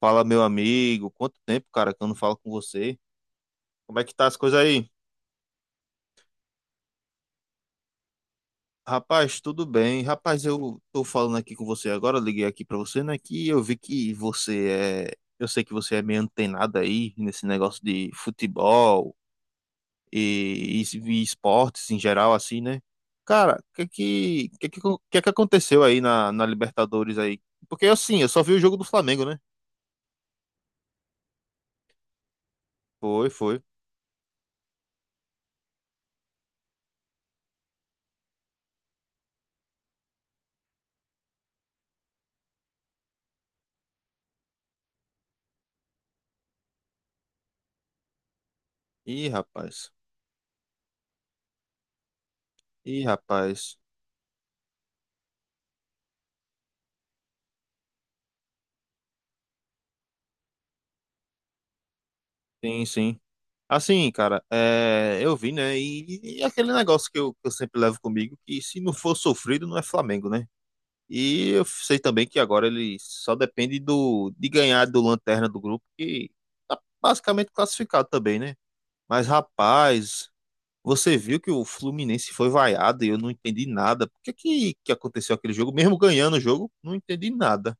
Fala, meu amigo. Quanto tempo, cara, que eu não falo com você? Como é que tá as coisas aí? Rapaz, tudo bem. Rapaz, eu tô falando aqui com você agora, eu liguei aqui pra você, né? Que eu vi que você é. Eu sei que você é meio antenado aí nesse negócio de futebol e, e- e esportes em geral, assim, né? Cara, o que é que aconteceu aí na Libertadores aí? Porque assim, eu só vi o jogo do Flamengo, né? Foi, foi. Ih, rapaz. Ih, rapaz. Sim, sim. Assim, cara, é, eu vi, né? E aquele negócio que eu sempre levo comigo, que se não for sofrido, não é Flamengo, né? E eu sei também que agora ele só depende de ganhar do Lanterna do grupo, que tá basicamente classificado também, né? Mas, rapaz, você viu que o Fluminense foi vaiado e eu não entendi nada. Por que que aconteceu aquele jogo? Mesmo ganhando o jogo, não entendi nada.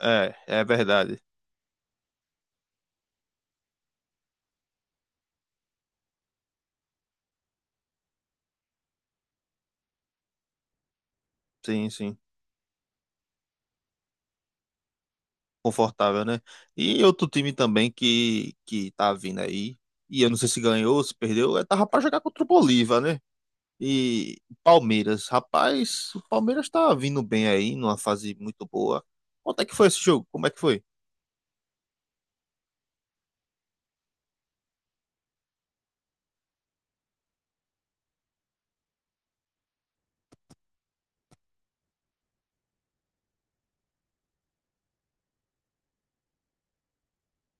É, é verdade. Sim, sim. Confortável, né? E outro time também que tá vindo aí, e eu não sei se ganhou, se perdeu, é, tava pra jogar contra o Bolívar, né? E Palmeiras, rapaz, o Palmeiras tá vindo bem aí, numa fase muito boa. Quanto é que foi esse jogo? Como é que foi?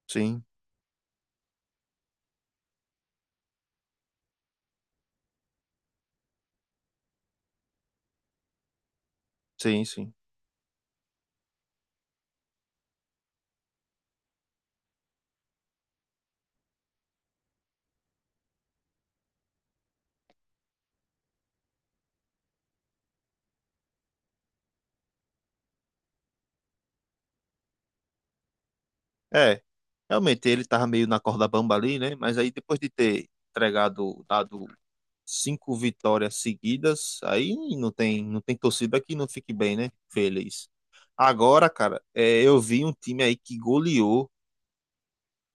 Sim, sim, sim. É, realmente ele tava meio na corda bamba ali, né? Mas aí depois de ter entregado, dado cinco vitórias seguidas, aí não tem torcida que não fique bem, né? Feliz. Agora, cara, é, eu vi um time aí que goleou.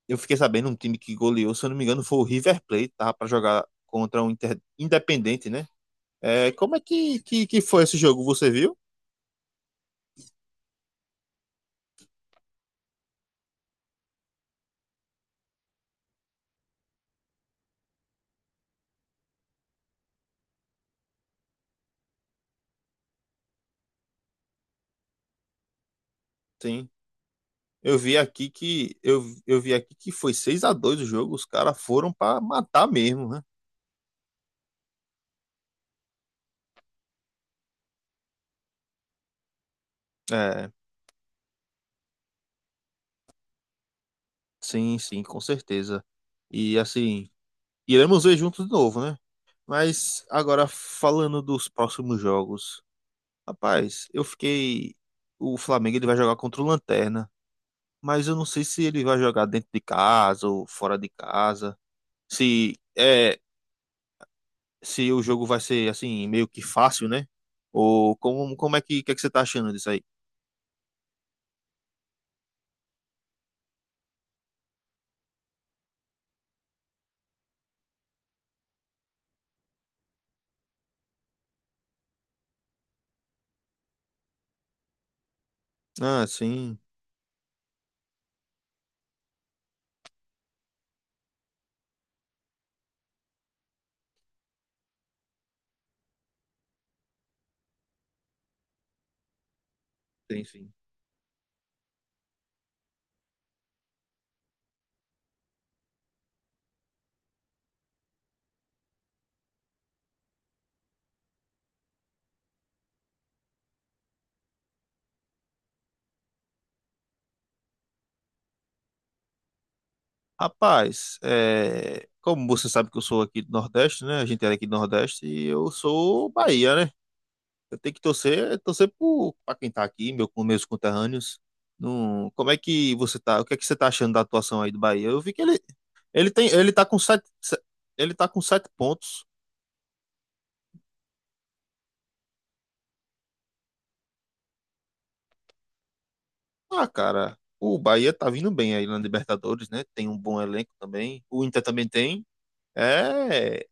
Eu fiquei sabendo um time que goleou, se eu não me engano, foi o River Plate, tava para jogar contra um Independente, né? É, como é que foi esse jogo? Você viu? Sim. Eu vi aqui que foi 6-2 o jogo, os caras foram para matar mesmo, né? É, sim, sim, com certeza. E assim, iremos ver juntos de novo, né? Mas agora falando dos próximos jogos. Rapaz, eu fiquei. O Flamengo ele vai jogar contra o Lanterna. Mas eu não sei se ele vai jogar dentro de casa ou fora de casa. Se é, se o jogo vai ser assim, meio que fácil, né? Ou como é que você tá achando disso aí? Ah, sim, sim, sim. Rapaz, é, como você sabe que eu sou aqui do Nordeste, né? A gente era aqui do Nordeste e eu sou Bahia, né? Eu tenho que torcer, torcer para quem tá aqui, meu, com meus conterrâneos. Não, como é que você tá? O que é que você tá achando da atuação aí do Bahia? Eu vi que ele tem, ele tá com sete, se- ele tá com 7 pontos. Ah, cara, o Bahia tá vindo bem aí na Libertadores, né? Tem um bom elenco também. O Inter também tem. É,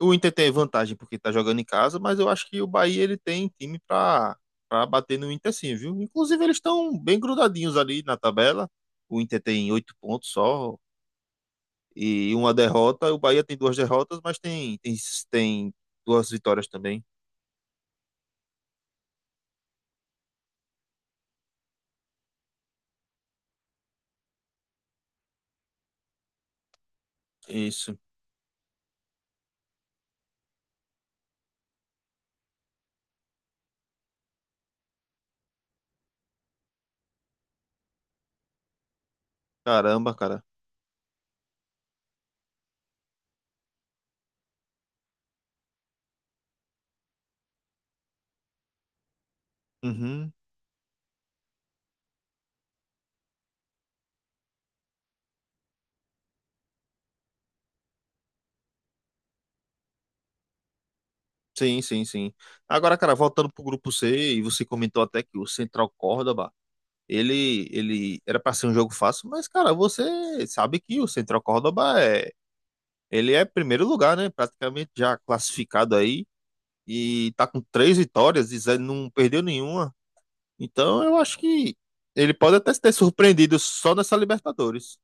o Inter tem vantagem porque tá jogando em casa, mas eu acho que o Bahia ele tem time para bater no Inter sim, viu? Inclusive eles estão bem grudadinhos ali na tabela. O Inter tem 8 pontos só, e uma derrota. O Bahia tem duas derrotas, mas tem duas vitórias também. Isso. Caramba, cara. Uhum. Sim, sim, sim. Agora, cara, voltando pro grupo C, e você comentou até que o Central Córdoba, ele era para ser um jogo fácil, mas, cara, você sabe que o Central Córdoba ele é primeiro lugar, né? Praticamente já classificado aí e tá com três vitórias e não perdeu nenhuma. Então, eu acho que ele pode até ter surpreendido só nessa Libertadores.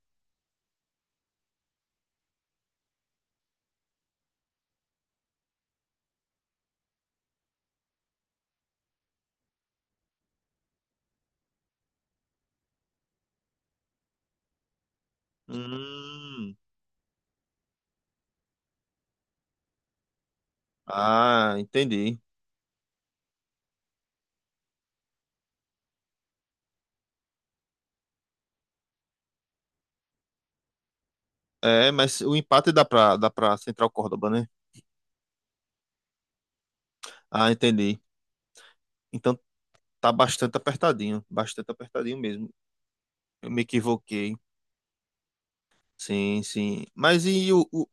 Hum. Ah, entendi. É, mas o empate dá pra Central Córdoba, né? Ah, entendi. Então tá bastante apertadinho mesmo. Eu me equivoquei. Sim, sim. Mas e o, o,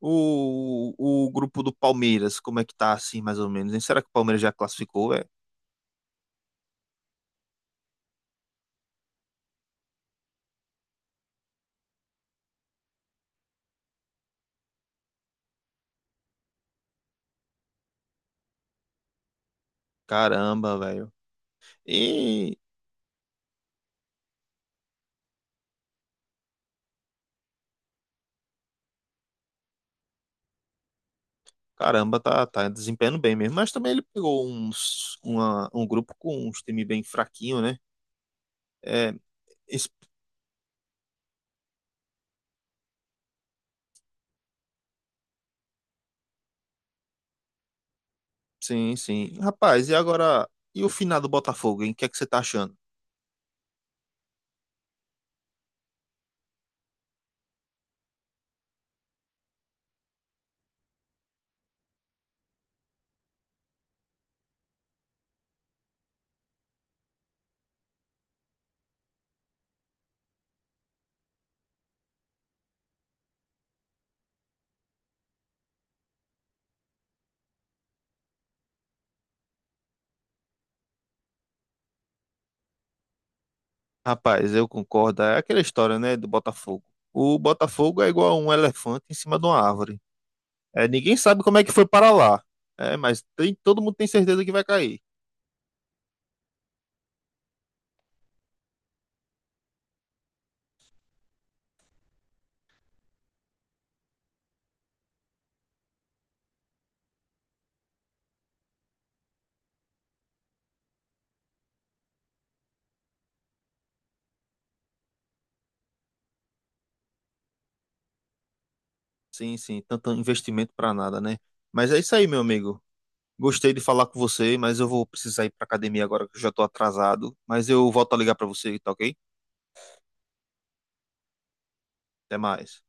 o, o grupo do Palmeiras? Como é que tá assim, mais ou menos? Hein? Será que o Palmeiras já classificou, velho? Caramba, velho. E caramba, tá desempenhando bem mesmo. Mas também ele pegou um grupo com uns time bem fraquinho, né? É, sim, sim. Rapaz, e agora? E o final do Botafogo, hein? O que é que você tá achando? Rapaz, eu concordo. É aquela história, né, do Botafogo. O Botafogo é igual um elefante em cima de uma árvore. É, ninguém sabe como é que foi para lá. É, mas todo mundo tem certeza que vai cair. Sim, sim. Tanto investimento para nada, né? Mas é isso aí, meu amigo. Gostei de falar com você, mas eu vou precisar ir para academia agora que eu já tô atrasado. Mas eu volto a ligar para você, tá ok? Até mais.